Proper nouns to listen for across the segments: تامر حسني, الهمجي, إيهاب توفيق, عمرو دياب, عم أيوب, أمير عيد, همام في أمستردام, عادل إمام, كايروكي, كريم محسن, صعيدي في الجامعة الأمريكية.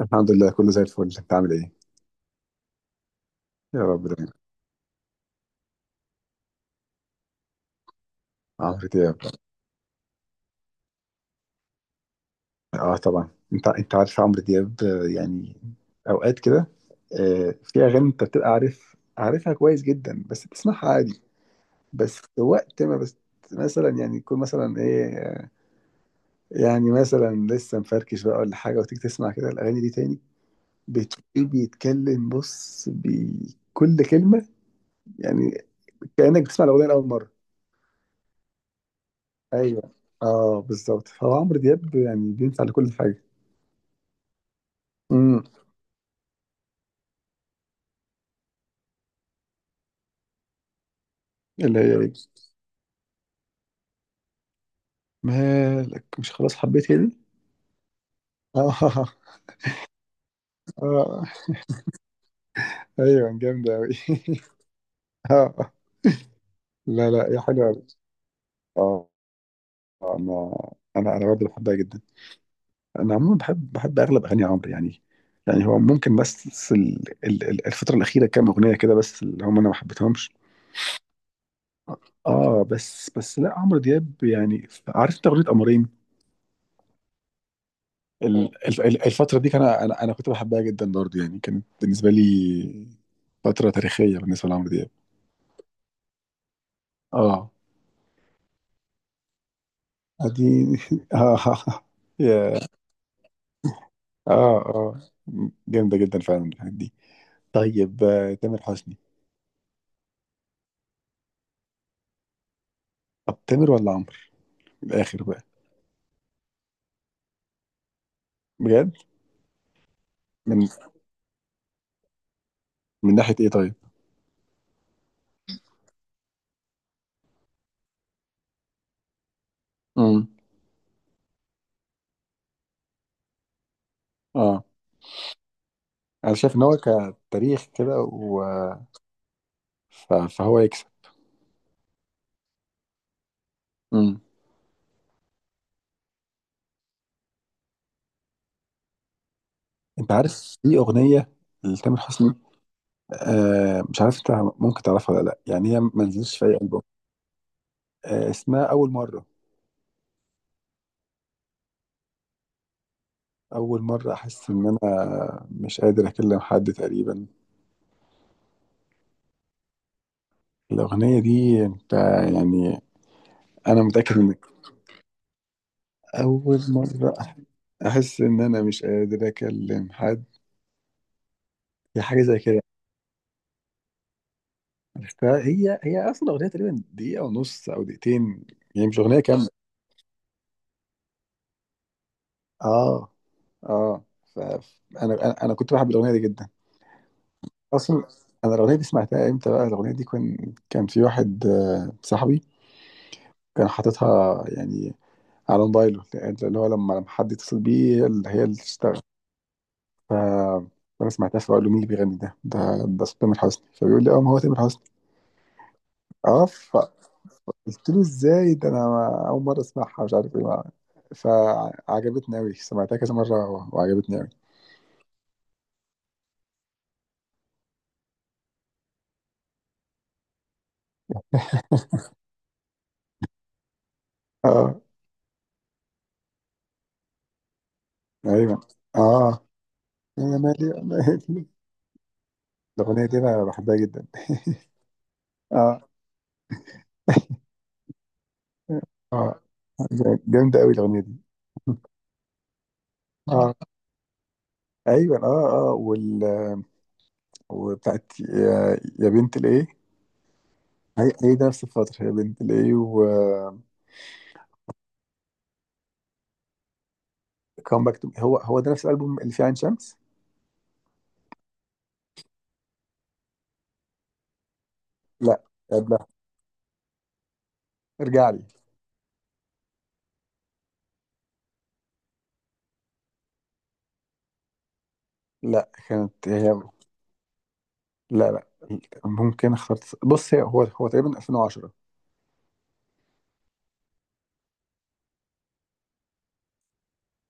الحمد لله، كله زي الفل. انت عامل ايه؟ يا رب دايما. عمرو دياب. اه طبعا، انت عارف عمرو دياب، يعني اوقات كده. في اغاني انت بتبقى عارفها كويس جدا، بس بتسمعها عادي. بس وقت ما بس مثلا يعني يكون مثلا ايه، يعني مثلا لسه مفركش بقى ولا حاجه، وتيجي تسمع كده الاغاني دي تاني، بتلاقيه بيتكلم بص بكل كلمه، يعني كانك بتسمع الاغنيه لاول مره. ايوه، اه بالظبط. فهو عمرو دياب يعني بينفع لكل حاجه. امم. اللي هي ايه؟ مالك، مش خلاص حبيت هدي. اه اه ايوه جامدة اوي. اه. لا لا هي حلوة اوي. اه، انا انا برضه بحبها جدا. انا عموما بحب اغلب اغاني عمرو، يعني. يعني هو ممكن بس الفترة الأخيرة كام أغنية كده بس اللي هم أنا ما حبيتهمش. اه بس لا، عمرو دياب يعني. عارف انت اغنيه قمرين؟ الفتره دي كان انا كنت بحبها جدا برضه، يعني كانت بالنسبه لي فتره تاريخيه بالنسبه لعمرو دياب. اه، اديني اه. يا، اه جامده جدا فعلا الحاجات دي. طيب، تامر حسني؟ طب تامر ولا عمرو؟ من الاخر بقى. بجد. من من ناحيه ايه طيب؟ امم. اه انا شايف ان هو كتاريخ كده، فهو يكسب. امم. انت عارف في اغنيه لتامر حسني؟ آه مش عارف انت ممكن تعرفها ولا لا، يعني هي ما نزلتش في اي البوم. آه اسمها اول مره. اول مره احس ان انا مش قادر اكلم حد تقريبا. الأغنية دي أنت يعني. أنا متأكد إنك. أول مرة أحس إن أنا مش قادر أكلم حد. هي حاجة زي كده. عرفتها؟ هي أصلا أغنية تقريبا دقيقة ونص أو دقيقتين، يعني مش أغنية كاملة. آه. آه. فأنا، أنا كنت بحب الأغنية دي جدا أصلا. أنا الأغنية دي سمعتها إمتى بقى؟ الأغنية دي كان في واحد، صاحبي، كان حاططها يعني على موبايله، اللي هو لما حد يتصل بيه هي اللي تشتغل. ف انا سمعتها، فبقول له مين اللي بيغني ده؟ ده صوت تامر حسني. فبيقول لي اه ما هو تامر حسني. اه، فقلت له ازاي ده، انا ما- اول مره اسمعها مش عارف ايه. فعجبتني قوي، سمعتها كذا مره وعجبتني قوي. اه ايوه اه. انا مالي، أنا مالي. الاغنيه دي انا بحبها جدا. اه. اه جامده قوي الاغنيه دي. اه ايوه اه وال، وبتاعت يا بنت الايه. هي ده نفس الفتره يا بنت الايه. كام باك تو، هو ده نفس الالبوم اللي فيه عين شمس. لا، قبلها، ارجع لي. لا كانت هي. لا لا، ممكن اخترت. بص، هي هو تقريبا 2010.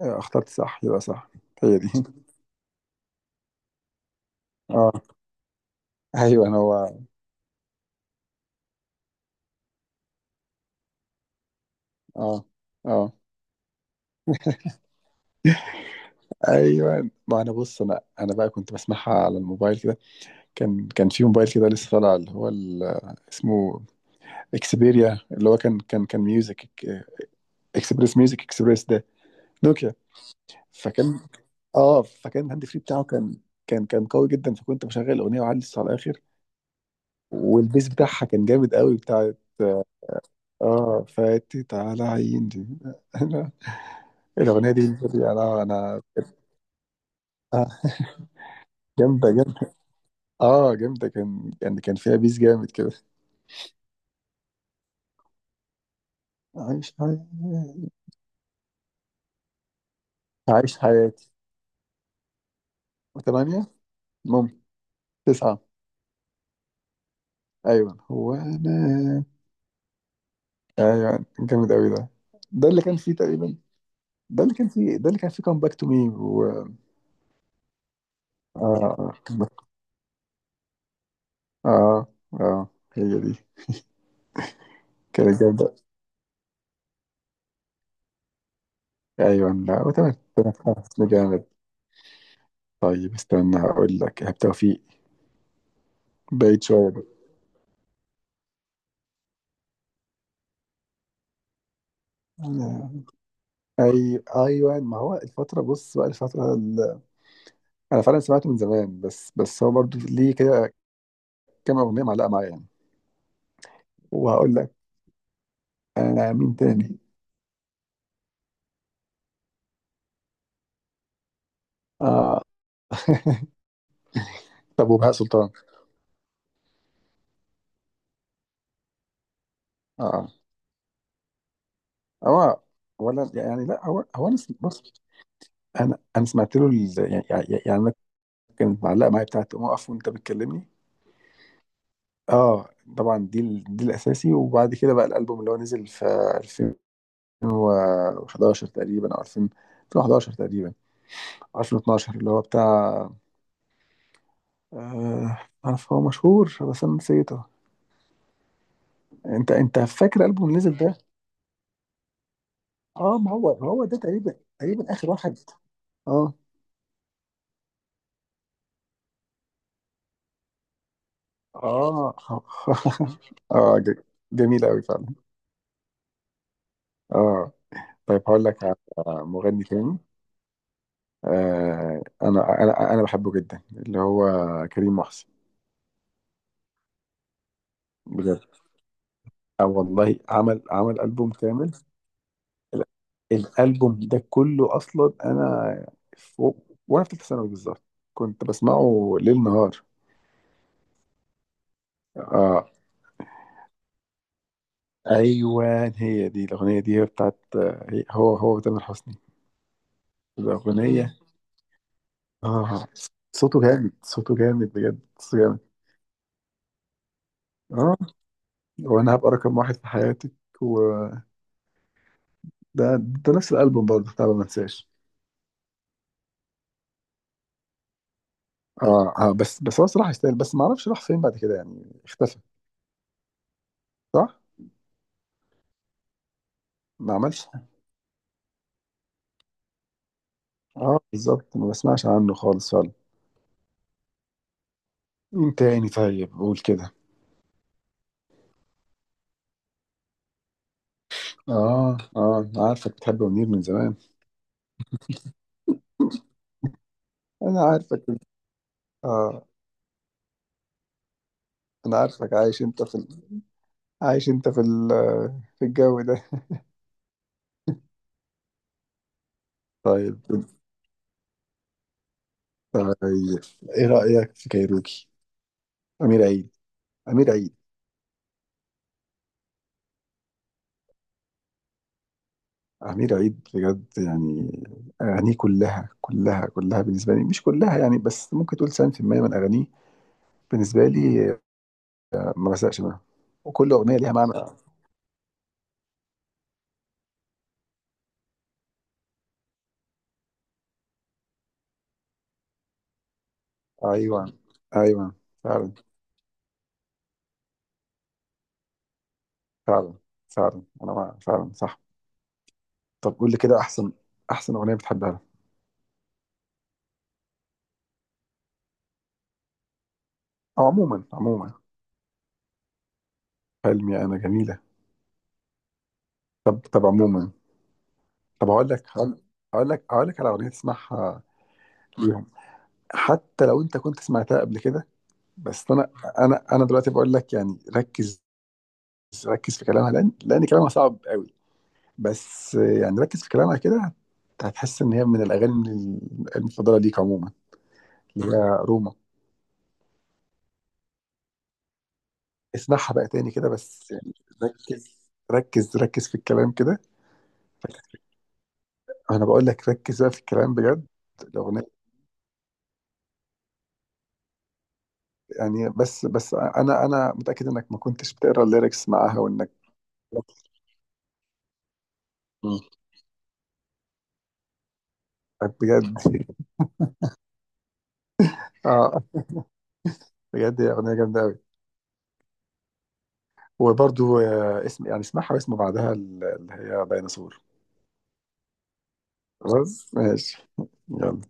آه، اخترت صح، يبقى صح. هي دي اه ايوه انا هو. اه اه ايوه. ما انا بص، انا بقى كنت بسمعها على الموبايل كده. كان في موبايل كده لسه طالع اللي هو ال-، اسمه اكسبيريا، اللي هو كان ميوزك اكسبريس. ميوزك اكسبريس ده نوكيا. فكان، اه فكان الهاند فري بتاعه كان، كان قوي جدا. فكنت بشغل اغنيه وعلي الصوت على الاخر، والبيس بتاعها كان جامد قوي بتاعت. اه فاتت على عيني انا الاغنيه دي. انا آه، جامده جامده. اه جامده، كان يعني كان فيها بيس جامد كده. عايش حياتي. عايش حياتي. ثمانية، ممكن تسعة. أيوة، هو أنا. أيوة جامد أوي ده. ده اللي كان فيه تقريبا. ده اللي كان فيه، ده اللي كان فيه كام باك تو مي و. اه اه اه. آه، هي دي. كانت جامدة. ايوه، لا وتمام تمام. حسن جامد. طيب استنى، هقول لك إيهاب توفيق. بعيد شوية بقى. آه، اي ايوه، ما هو الفترة، بص بقى الفترة ال... انا فعلا سمعته من زمان، بس هو برضو ليه كده كام اغنية معلقة معايا يعني. وهقول لك انا مين تاني. اه طب وبهاء سلطان؟ اه، هو اولا يعني، لا هو انا بص. انا سمعت له ال-، يعني انا كانت معلقه معايا بتاعت قوم اقف وانت بتكلمني. اه طبعا، دي ال-، دي الاساسي. وبعد كده بقى الالبوم اللي هو نزل في 2011 تقريبا، او 2000، 2011 تقريبا، أو 2012، اللي هو بتاع آه، عارف هو مشهور بس انا نسيته. انت فاكر الالبوم اللي نزل ده؟ اه ما هو هو ده تقريبا اخر واحد. اه اه اه جميل قوي فعلا. اه. طيب هقول لك على مغني تاني. انا انا بحبه جدا، اللي هو كريم محسن. بجد؟ اه والله، عمل البوم كامل. ال-، الالبوم ده كله اصلا انا فوق وانا في ثالثه ثانوي بالظبط كنت بسمعه ليل نهار. اه ايوه هي دي الاغنيه دي. هي بتاعت هي-، هو تامر حسني. الاغنيه. اه، صوته جامد صوته جامد بجد صوته جامد. اه. وانا هبقى رقم واحد في حياتك، وده، ده نفس الالبوم برضه بتاع ما انساش. اه. بس هو صراحة يستاهل، بس ما اعرفش راح فين بعد كده يعني اختفى. صح؟ ما عملش. اه بالظبط، ما بسمعش عنه خالص فعلا. مين تاني، طيب قول كده. اه اه انا عارفك بتحب منير من زمان. انا عارفك. اه انا عارفك عايش انت في ال...، عايش انت في ال...، في الجو ده. طيب، طيب. ايه رأيك في كايروكي؟ امير عيد. امير عيد. امير عيد بجد يعني، اغانيه كلها بالنسبة لي، مش كلها يعني، بس ممكن تقول 90% من اغانيه بالنسبة لي، ما بزهقش منها. وكل أغنية ليها معنى. أيوة أيوة. فعلا فعلا فعلا أنا فعلا صح. طب قول لي كده، أحسن أغنية بتحبها لها. أو عموما، عموما. حلمي أنا جميلة. طب طب عموما. طب هقول لك، هقول لك على أغنية تسمعها ليهم، حتى لو أنت كنت سمعتها قبل كده، بس أنا، أنا دلوقتي بقول لك يعني ركز، ركز في كلامها، لأن كلامها صعب قوي، بس يعني ركز في كلامها كده، هتحس ان هي من الاغاني المفضله ليك عموما. اللي هي روما. اسمعها بقى تاني كده بس، يعني ركز في الكلام كده. انا بقول لك ركز بقى في الكلام بجد. الاغنيه. يعني بس، انا متاكد انك ما كنتش بتقرا الليركس معاها وانك. مم. بجد اه. بجد هي اغنيه جامده قوي. وبرضو اسم يعني اسمعها، واسم بعدها اللي هي ديناصور. خلاص ماشي. يلا.